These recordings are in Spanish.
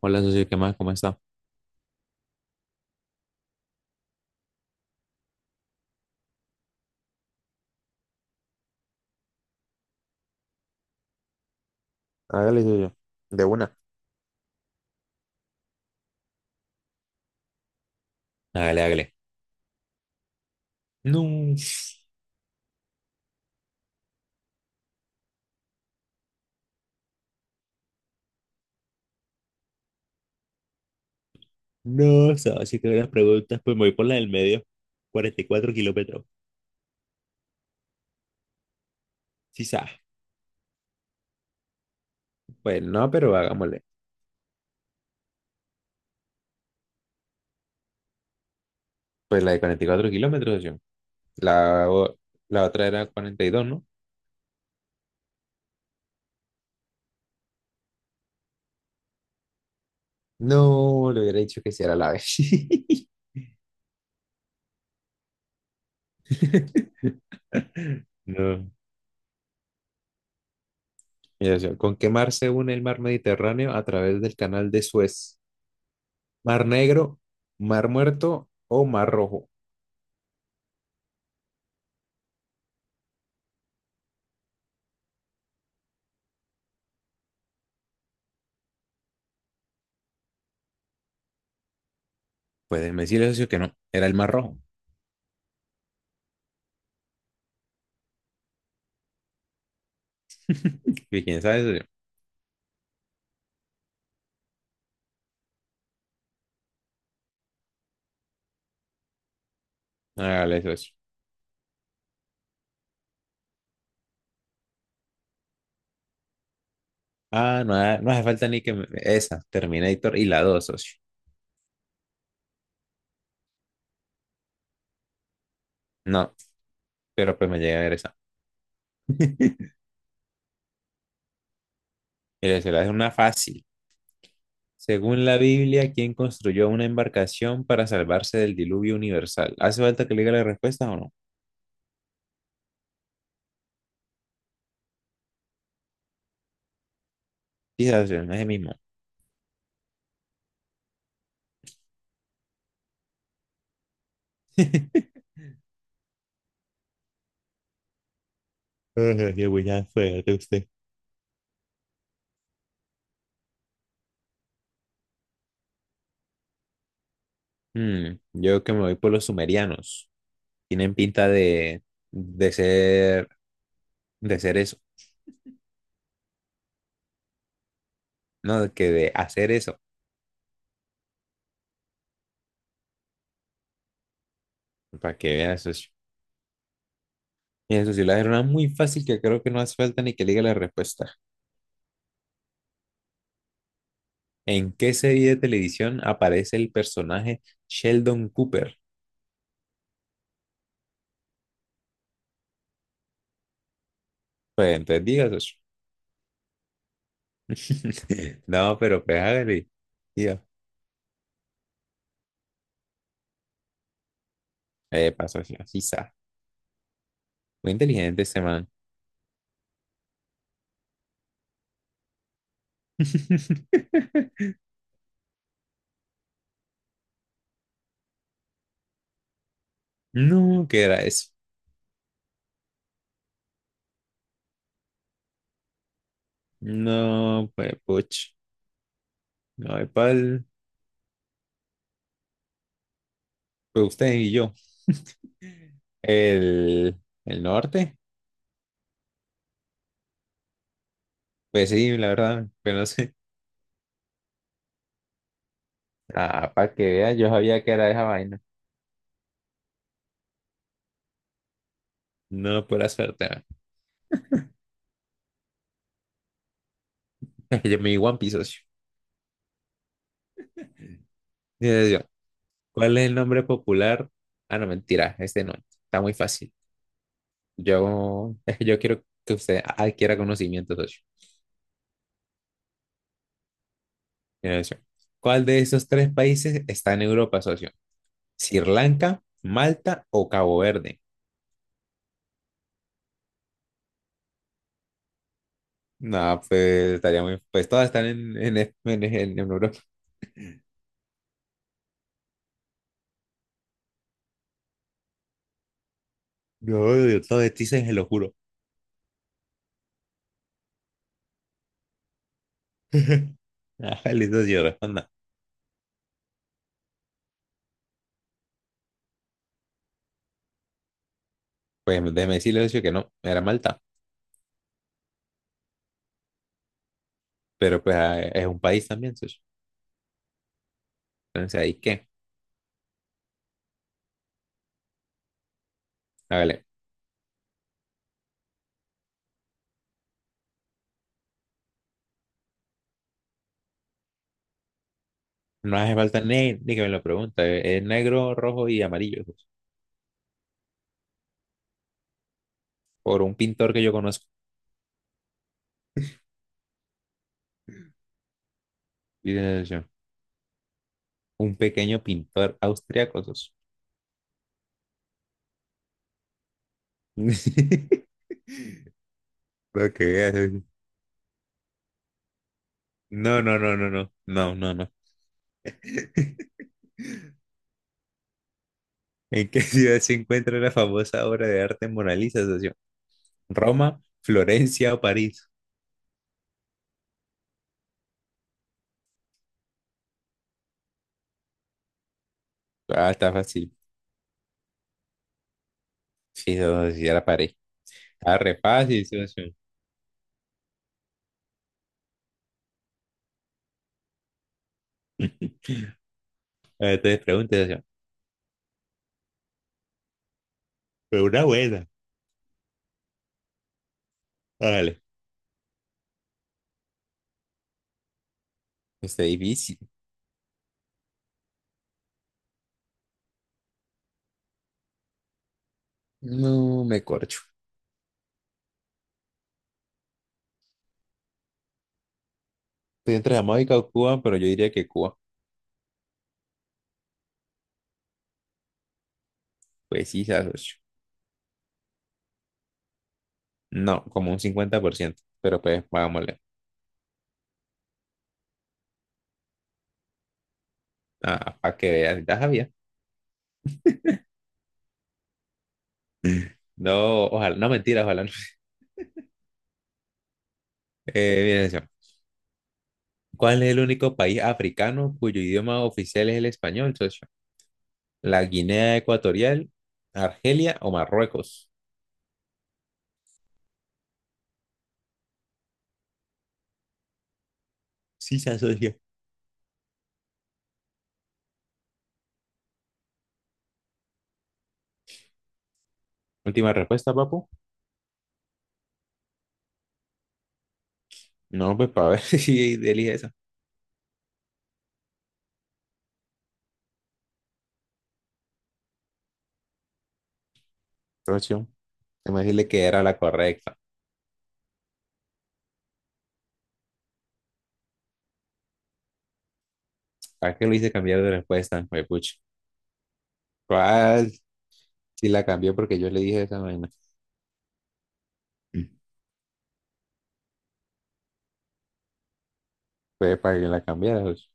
Hola, socio, ¿qué más? ¿Cómo está? Hágale, de una. Hágale, hágale. No, no, socio, que las preguntas. Pues me voy por la del medio. 44 kilómetros. Sí, sa. Pues no, pero hagámosle. Pues la de 44 kilómetros, socio. La, o- la otra era 42, ¿no? No, le hubiera dicho que si era la vez. No. Mira, socio, ¿con qué mar se une el mar Mediterráneo a través del canal de Suez? ¿Mar Negro, Mar Muerto o Mar Rojo? Pues me decirle, socio, que no. Era el Mar rojo. Y quién sabe, socio. Hágale, socio. Ah, no, no hace falta ni que esa, Terminator y la dos, socio. No, pero pues me llega a ver esa. Mire, se la es una fácil. Según la Biblia, ¿quién construyó una embarcación para salvarse del diluvio universal? ¿Hace falta que le diga la respuesta o no? Quizás, socio, no es el mismo. Ay, qué buena suerte usted. Yo que me voy por los sumerianos. Tienen pinta de ser, eso. No, que de hacer eso. Para que veas eso. Mira, eso sí, la era una muy fácil que creo que no hace falta ni que le diga la respuesta. ¿En qué serie de televisión aparece el personaje Sheldon Cooper? Pues entonces digas eso. No, pero pues hágale. Tío, pasó así, así está. Muy inteligente este man. No, ¿qué era eso? No, pues, puch. No, hay pal. Pues usted y yo. El, el norte. Pues sí, la verdad, pero no sé. Ah, para que vea, yo sabía que era esa vaina. No, pura suerte. Yo me di One Piece, socio. Dice yo, ¿cuál es el nombre popular? Ah, no, mentira, este no. Está muy fácil. Yo, yo quiero que usted adquiera conocimiento, socio. Dice yo, ¿cuál de esos tres países está en Europa, socio? ¿Sri Lanka, Malta o Cabo Verde? No, pues estaría muy. Pues todas están en Europa. No, Dios, todo de ti se lo juro. Ajá, listo, socio, responda. Pues déjeme decirle, socio, que no, era Malta. Pero pues es un país también, socio. Entonces, ¿ahí qué? Hágale. No hace falta ni que me lo pregunte. Es negro, rojo y amarillo. Sos. Por un pintor que yo conozco. Dice yo, un pequeño pintor austriaco. Sos. Lo que veas, oye. No, no, no, no, no. No, no, no. ¿En qué ciudad se encuentra la famosa obra de arte Mona Lisa, socio? ¿Roma, Florencia o París? Ah, está fácil. Sí, socio, sí, era París. Está re fácil, socio. Entonces pregunte, socio. Pero una buena. Hágale. Está difícil. No me corcho. Estoy entre Jamaica o Cuba, pero yo diría que Cuba. Pues sí, se asoció. No, como un 50%. Pero pues, vámonos. Ah, para que veas, ya sabía. No, ojalá, no mentira, ojalá. No. Mira, socio, ¿cuál es el único país africano cuyo idioma oficial es el español, socio? ¿La Guinea Ecuatorial, Argelia o Marruecos? Sí, se asoció. Última respuesta, papu. No, pues para ver si elige esa. Socio, déjame decirle que era la correcta. ¿Para qué lo hice cambiar de respuesta? Pues, ¿cuál? Si la cambió porque yo le dije esa vaina. Mm. Fue para que la cambiara. Pues.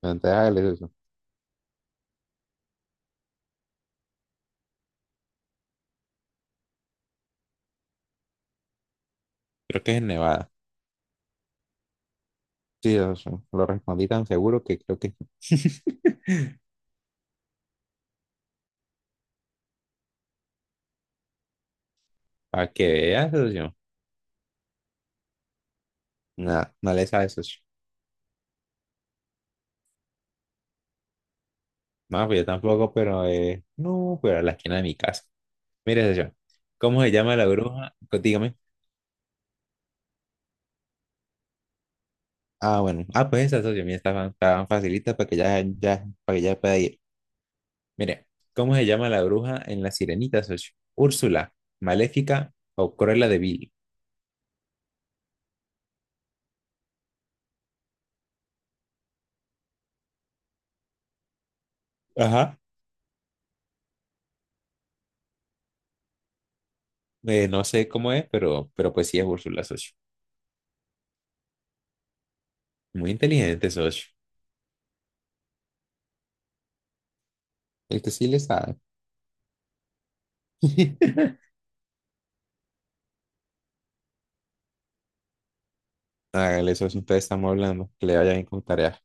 Entonces hágale eso. Creo que es en Nevada. Sí, socio. Lo respondí tan seguro que creo que para que veas, socio. Nada, no le sabe, socio. No, pues yo tampoco, pero no, pero a la esquina de mi casa. Mire, socio. ¿Cómo se llama la bruja? Pues, dígame. Ah, bueno. Ah, pues esa, socio. Mira, está tan facilita para que ya, ya, para que ya pueda ir. Mire, ¿cómo se llama la bruja en la sirenita, socio? ¿Úrsula, Maléfica o Cruella de Vil? Ajá. No sé cómo es, pero, pues sí es Úrsula, socio. Muy inteligente, socio. El que sí le sabe. Hágale, socio, entonces estamos hablando. Que le vayan a encontrar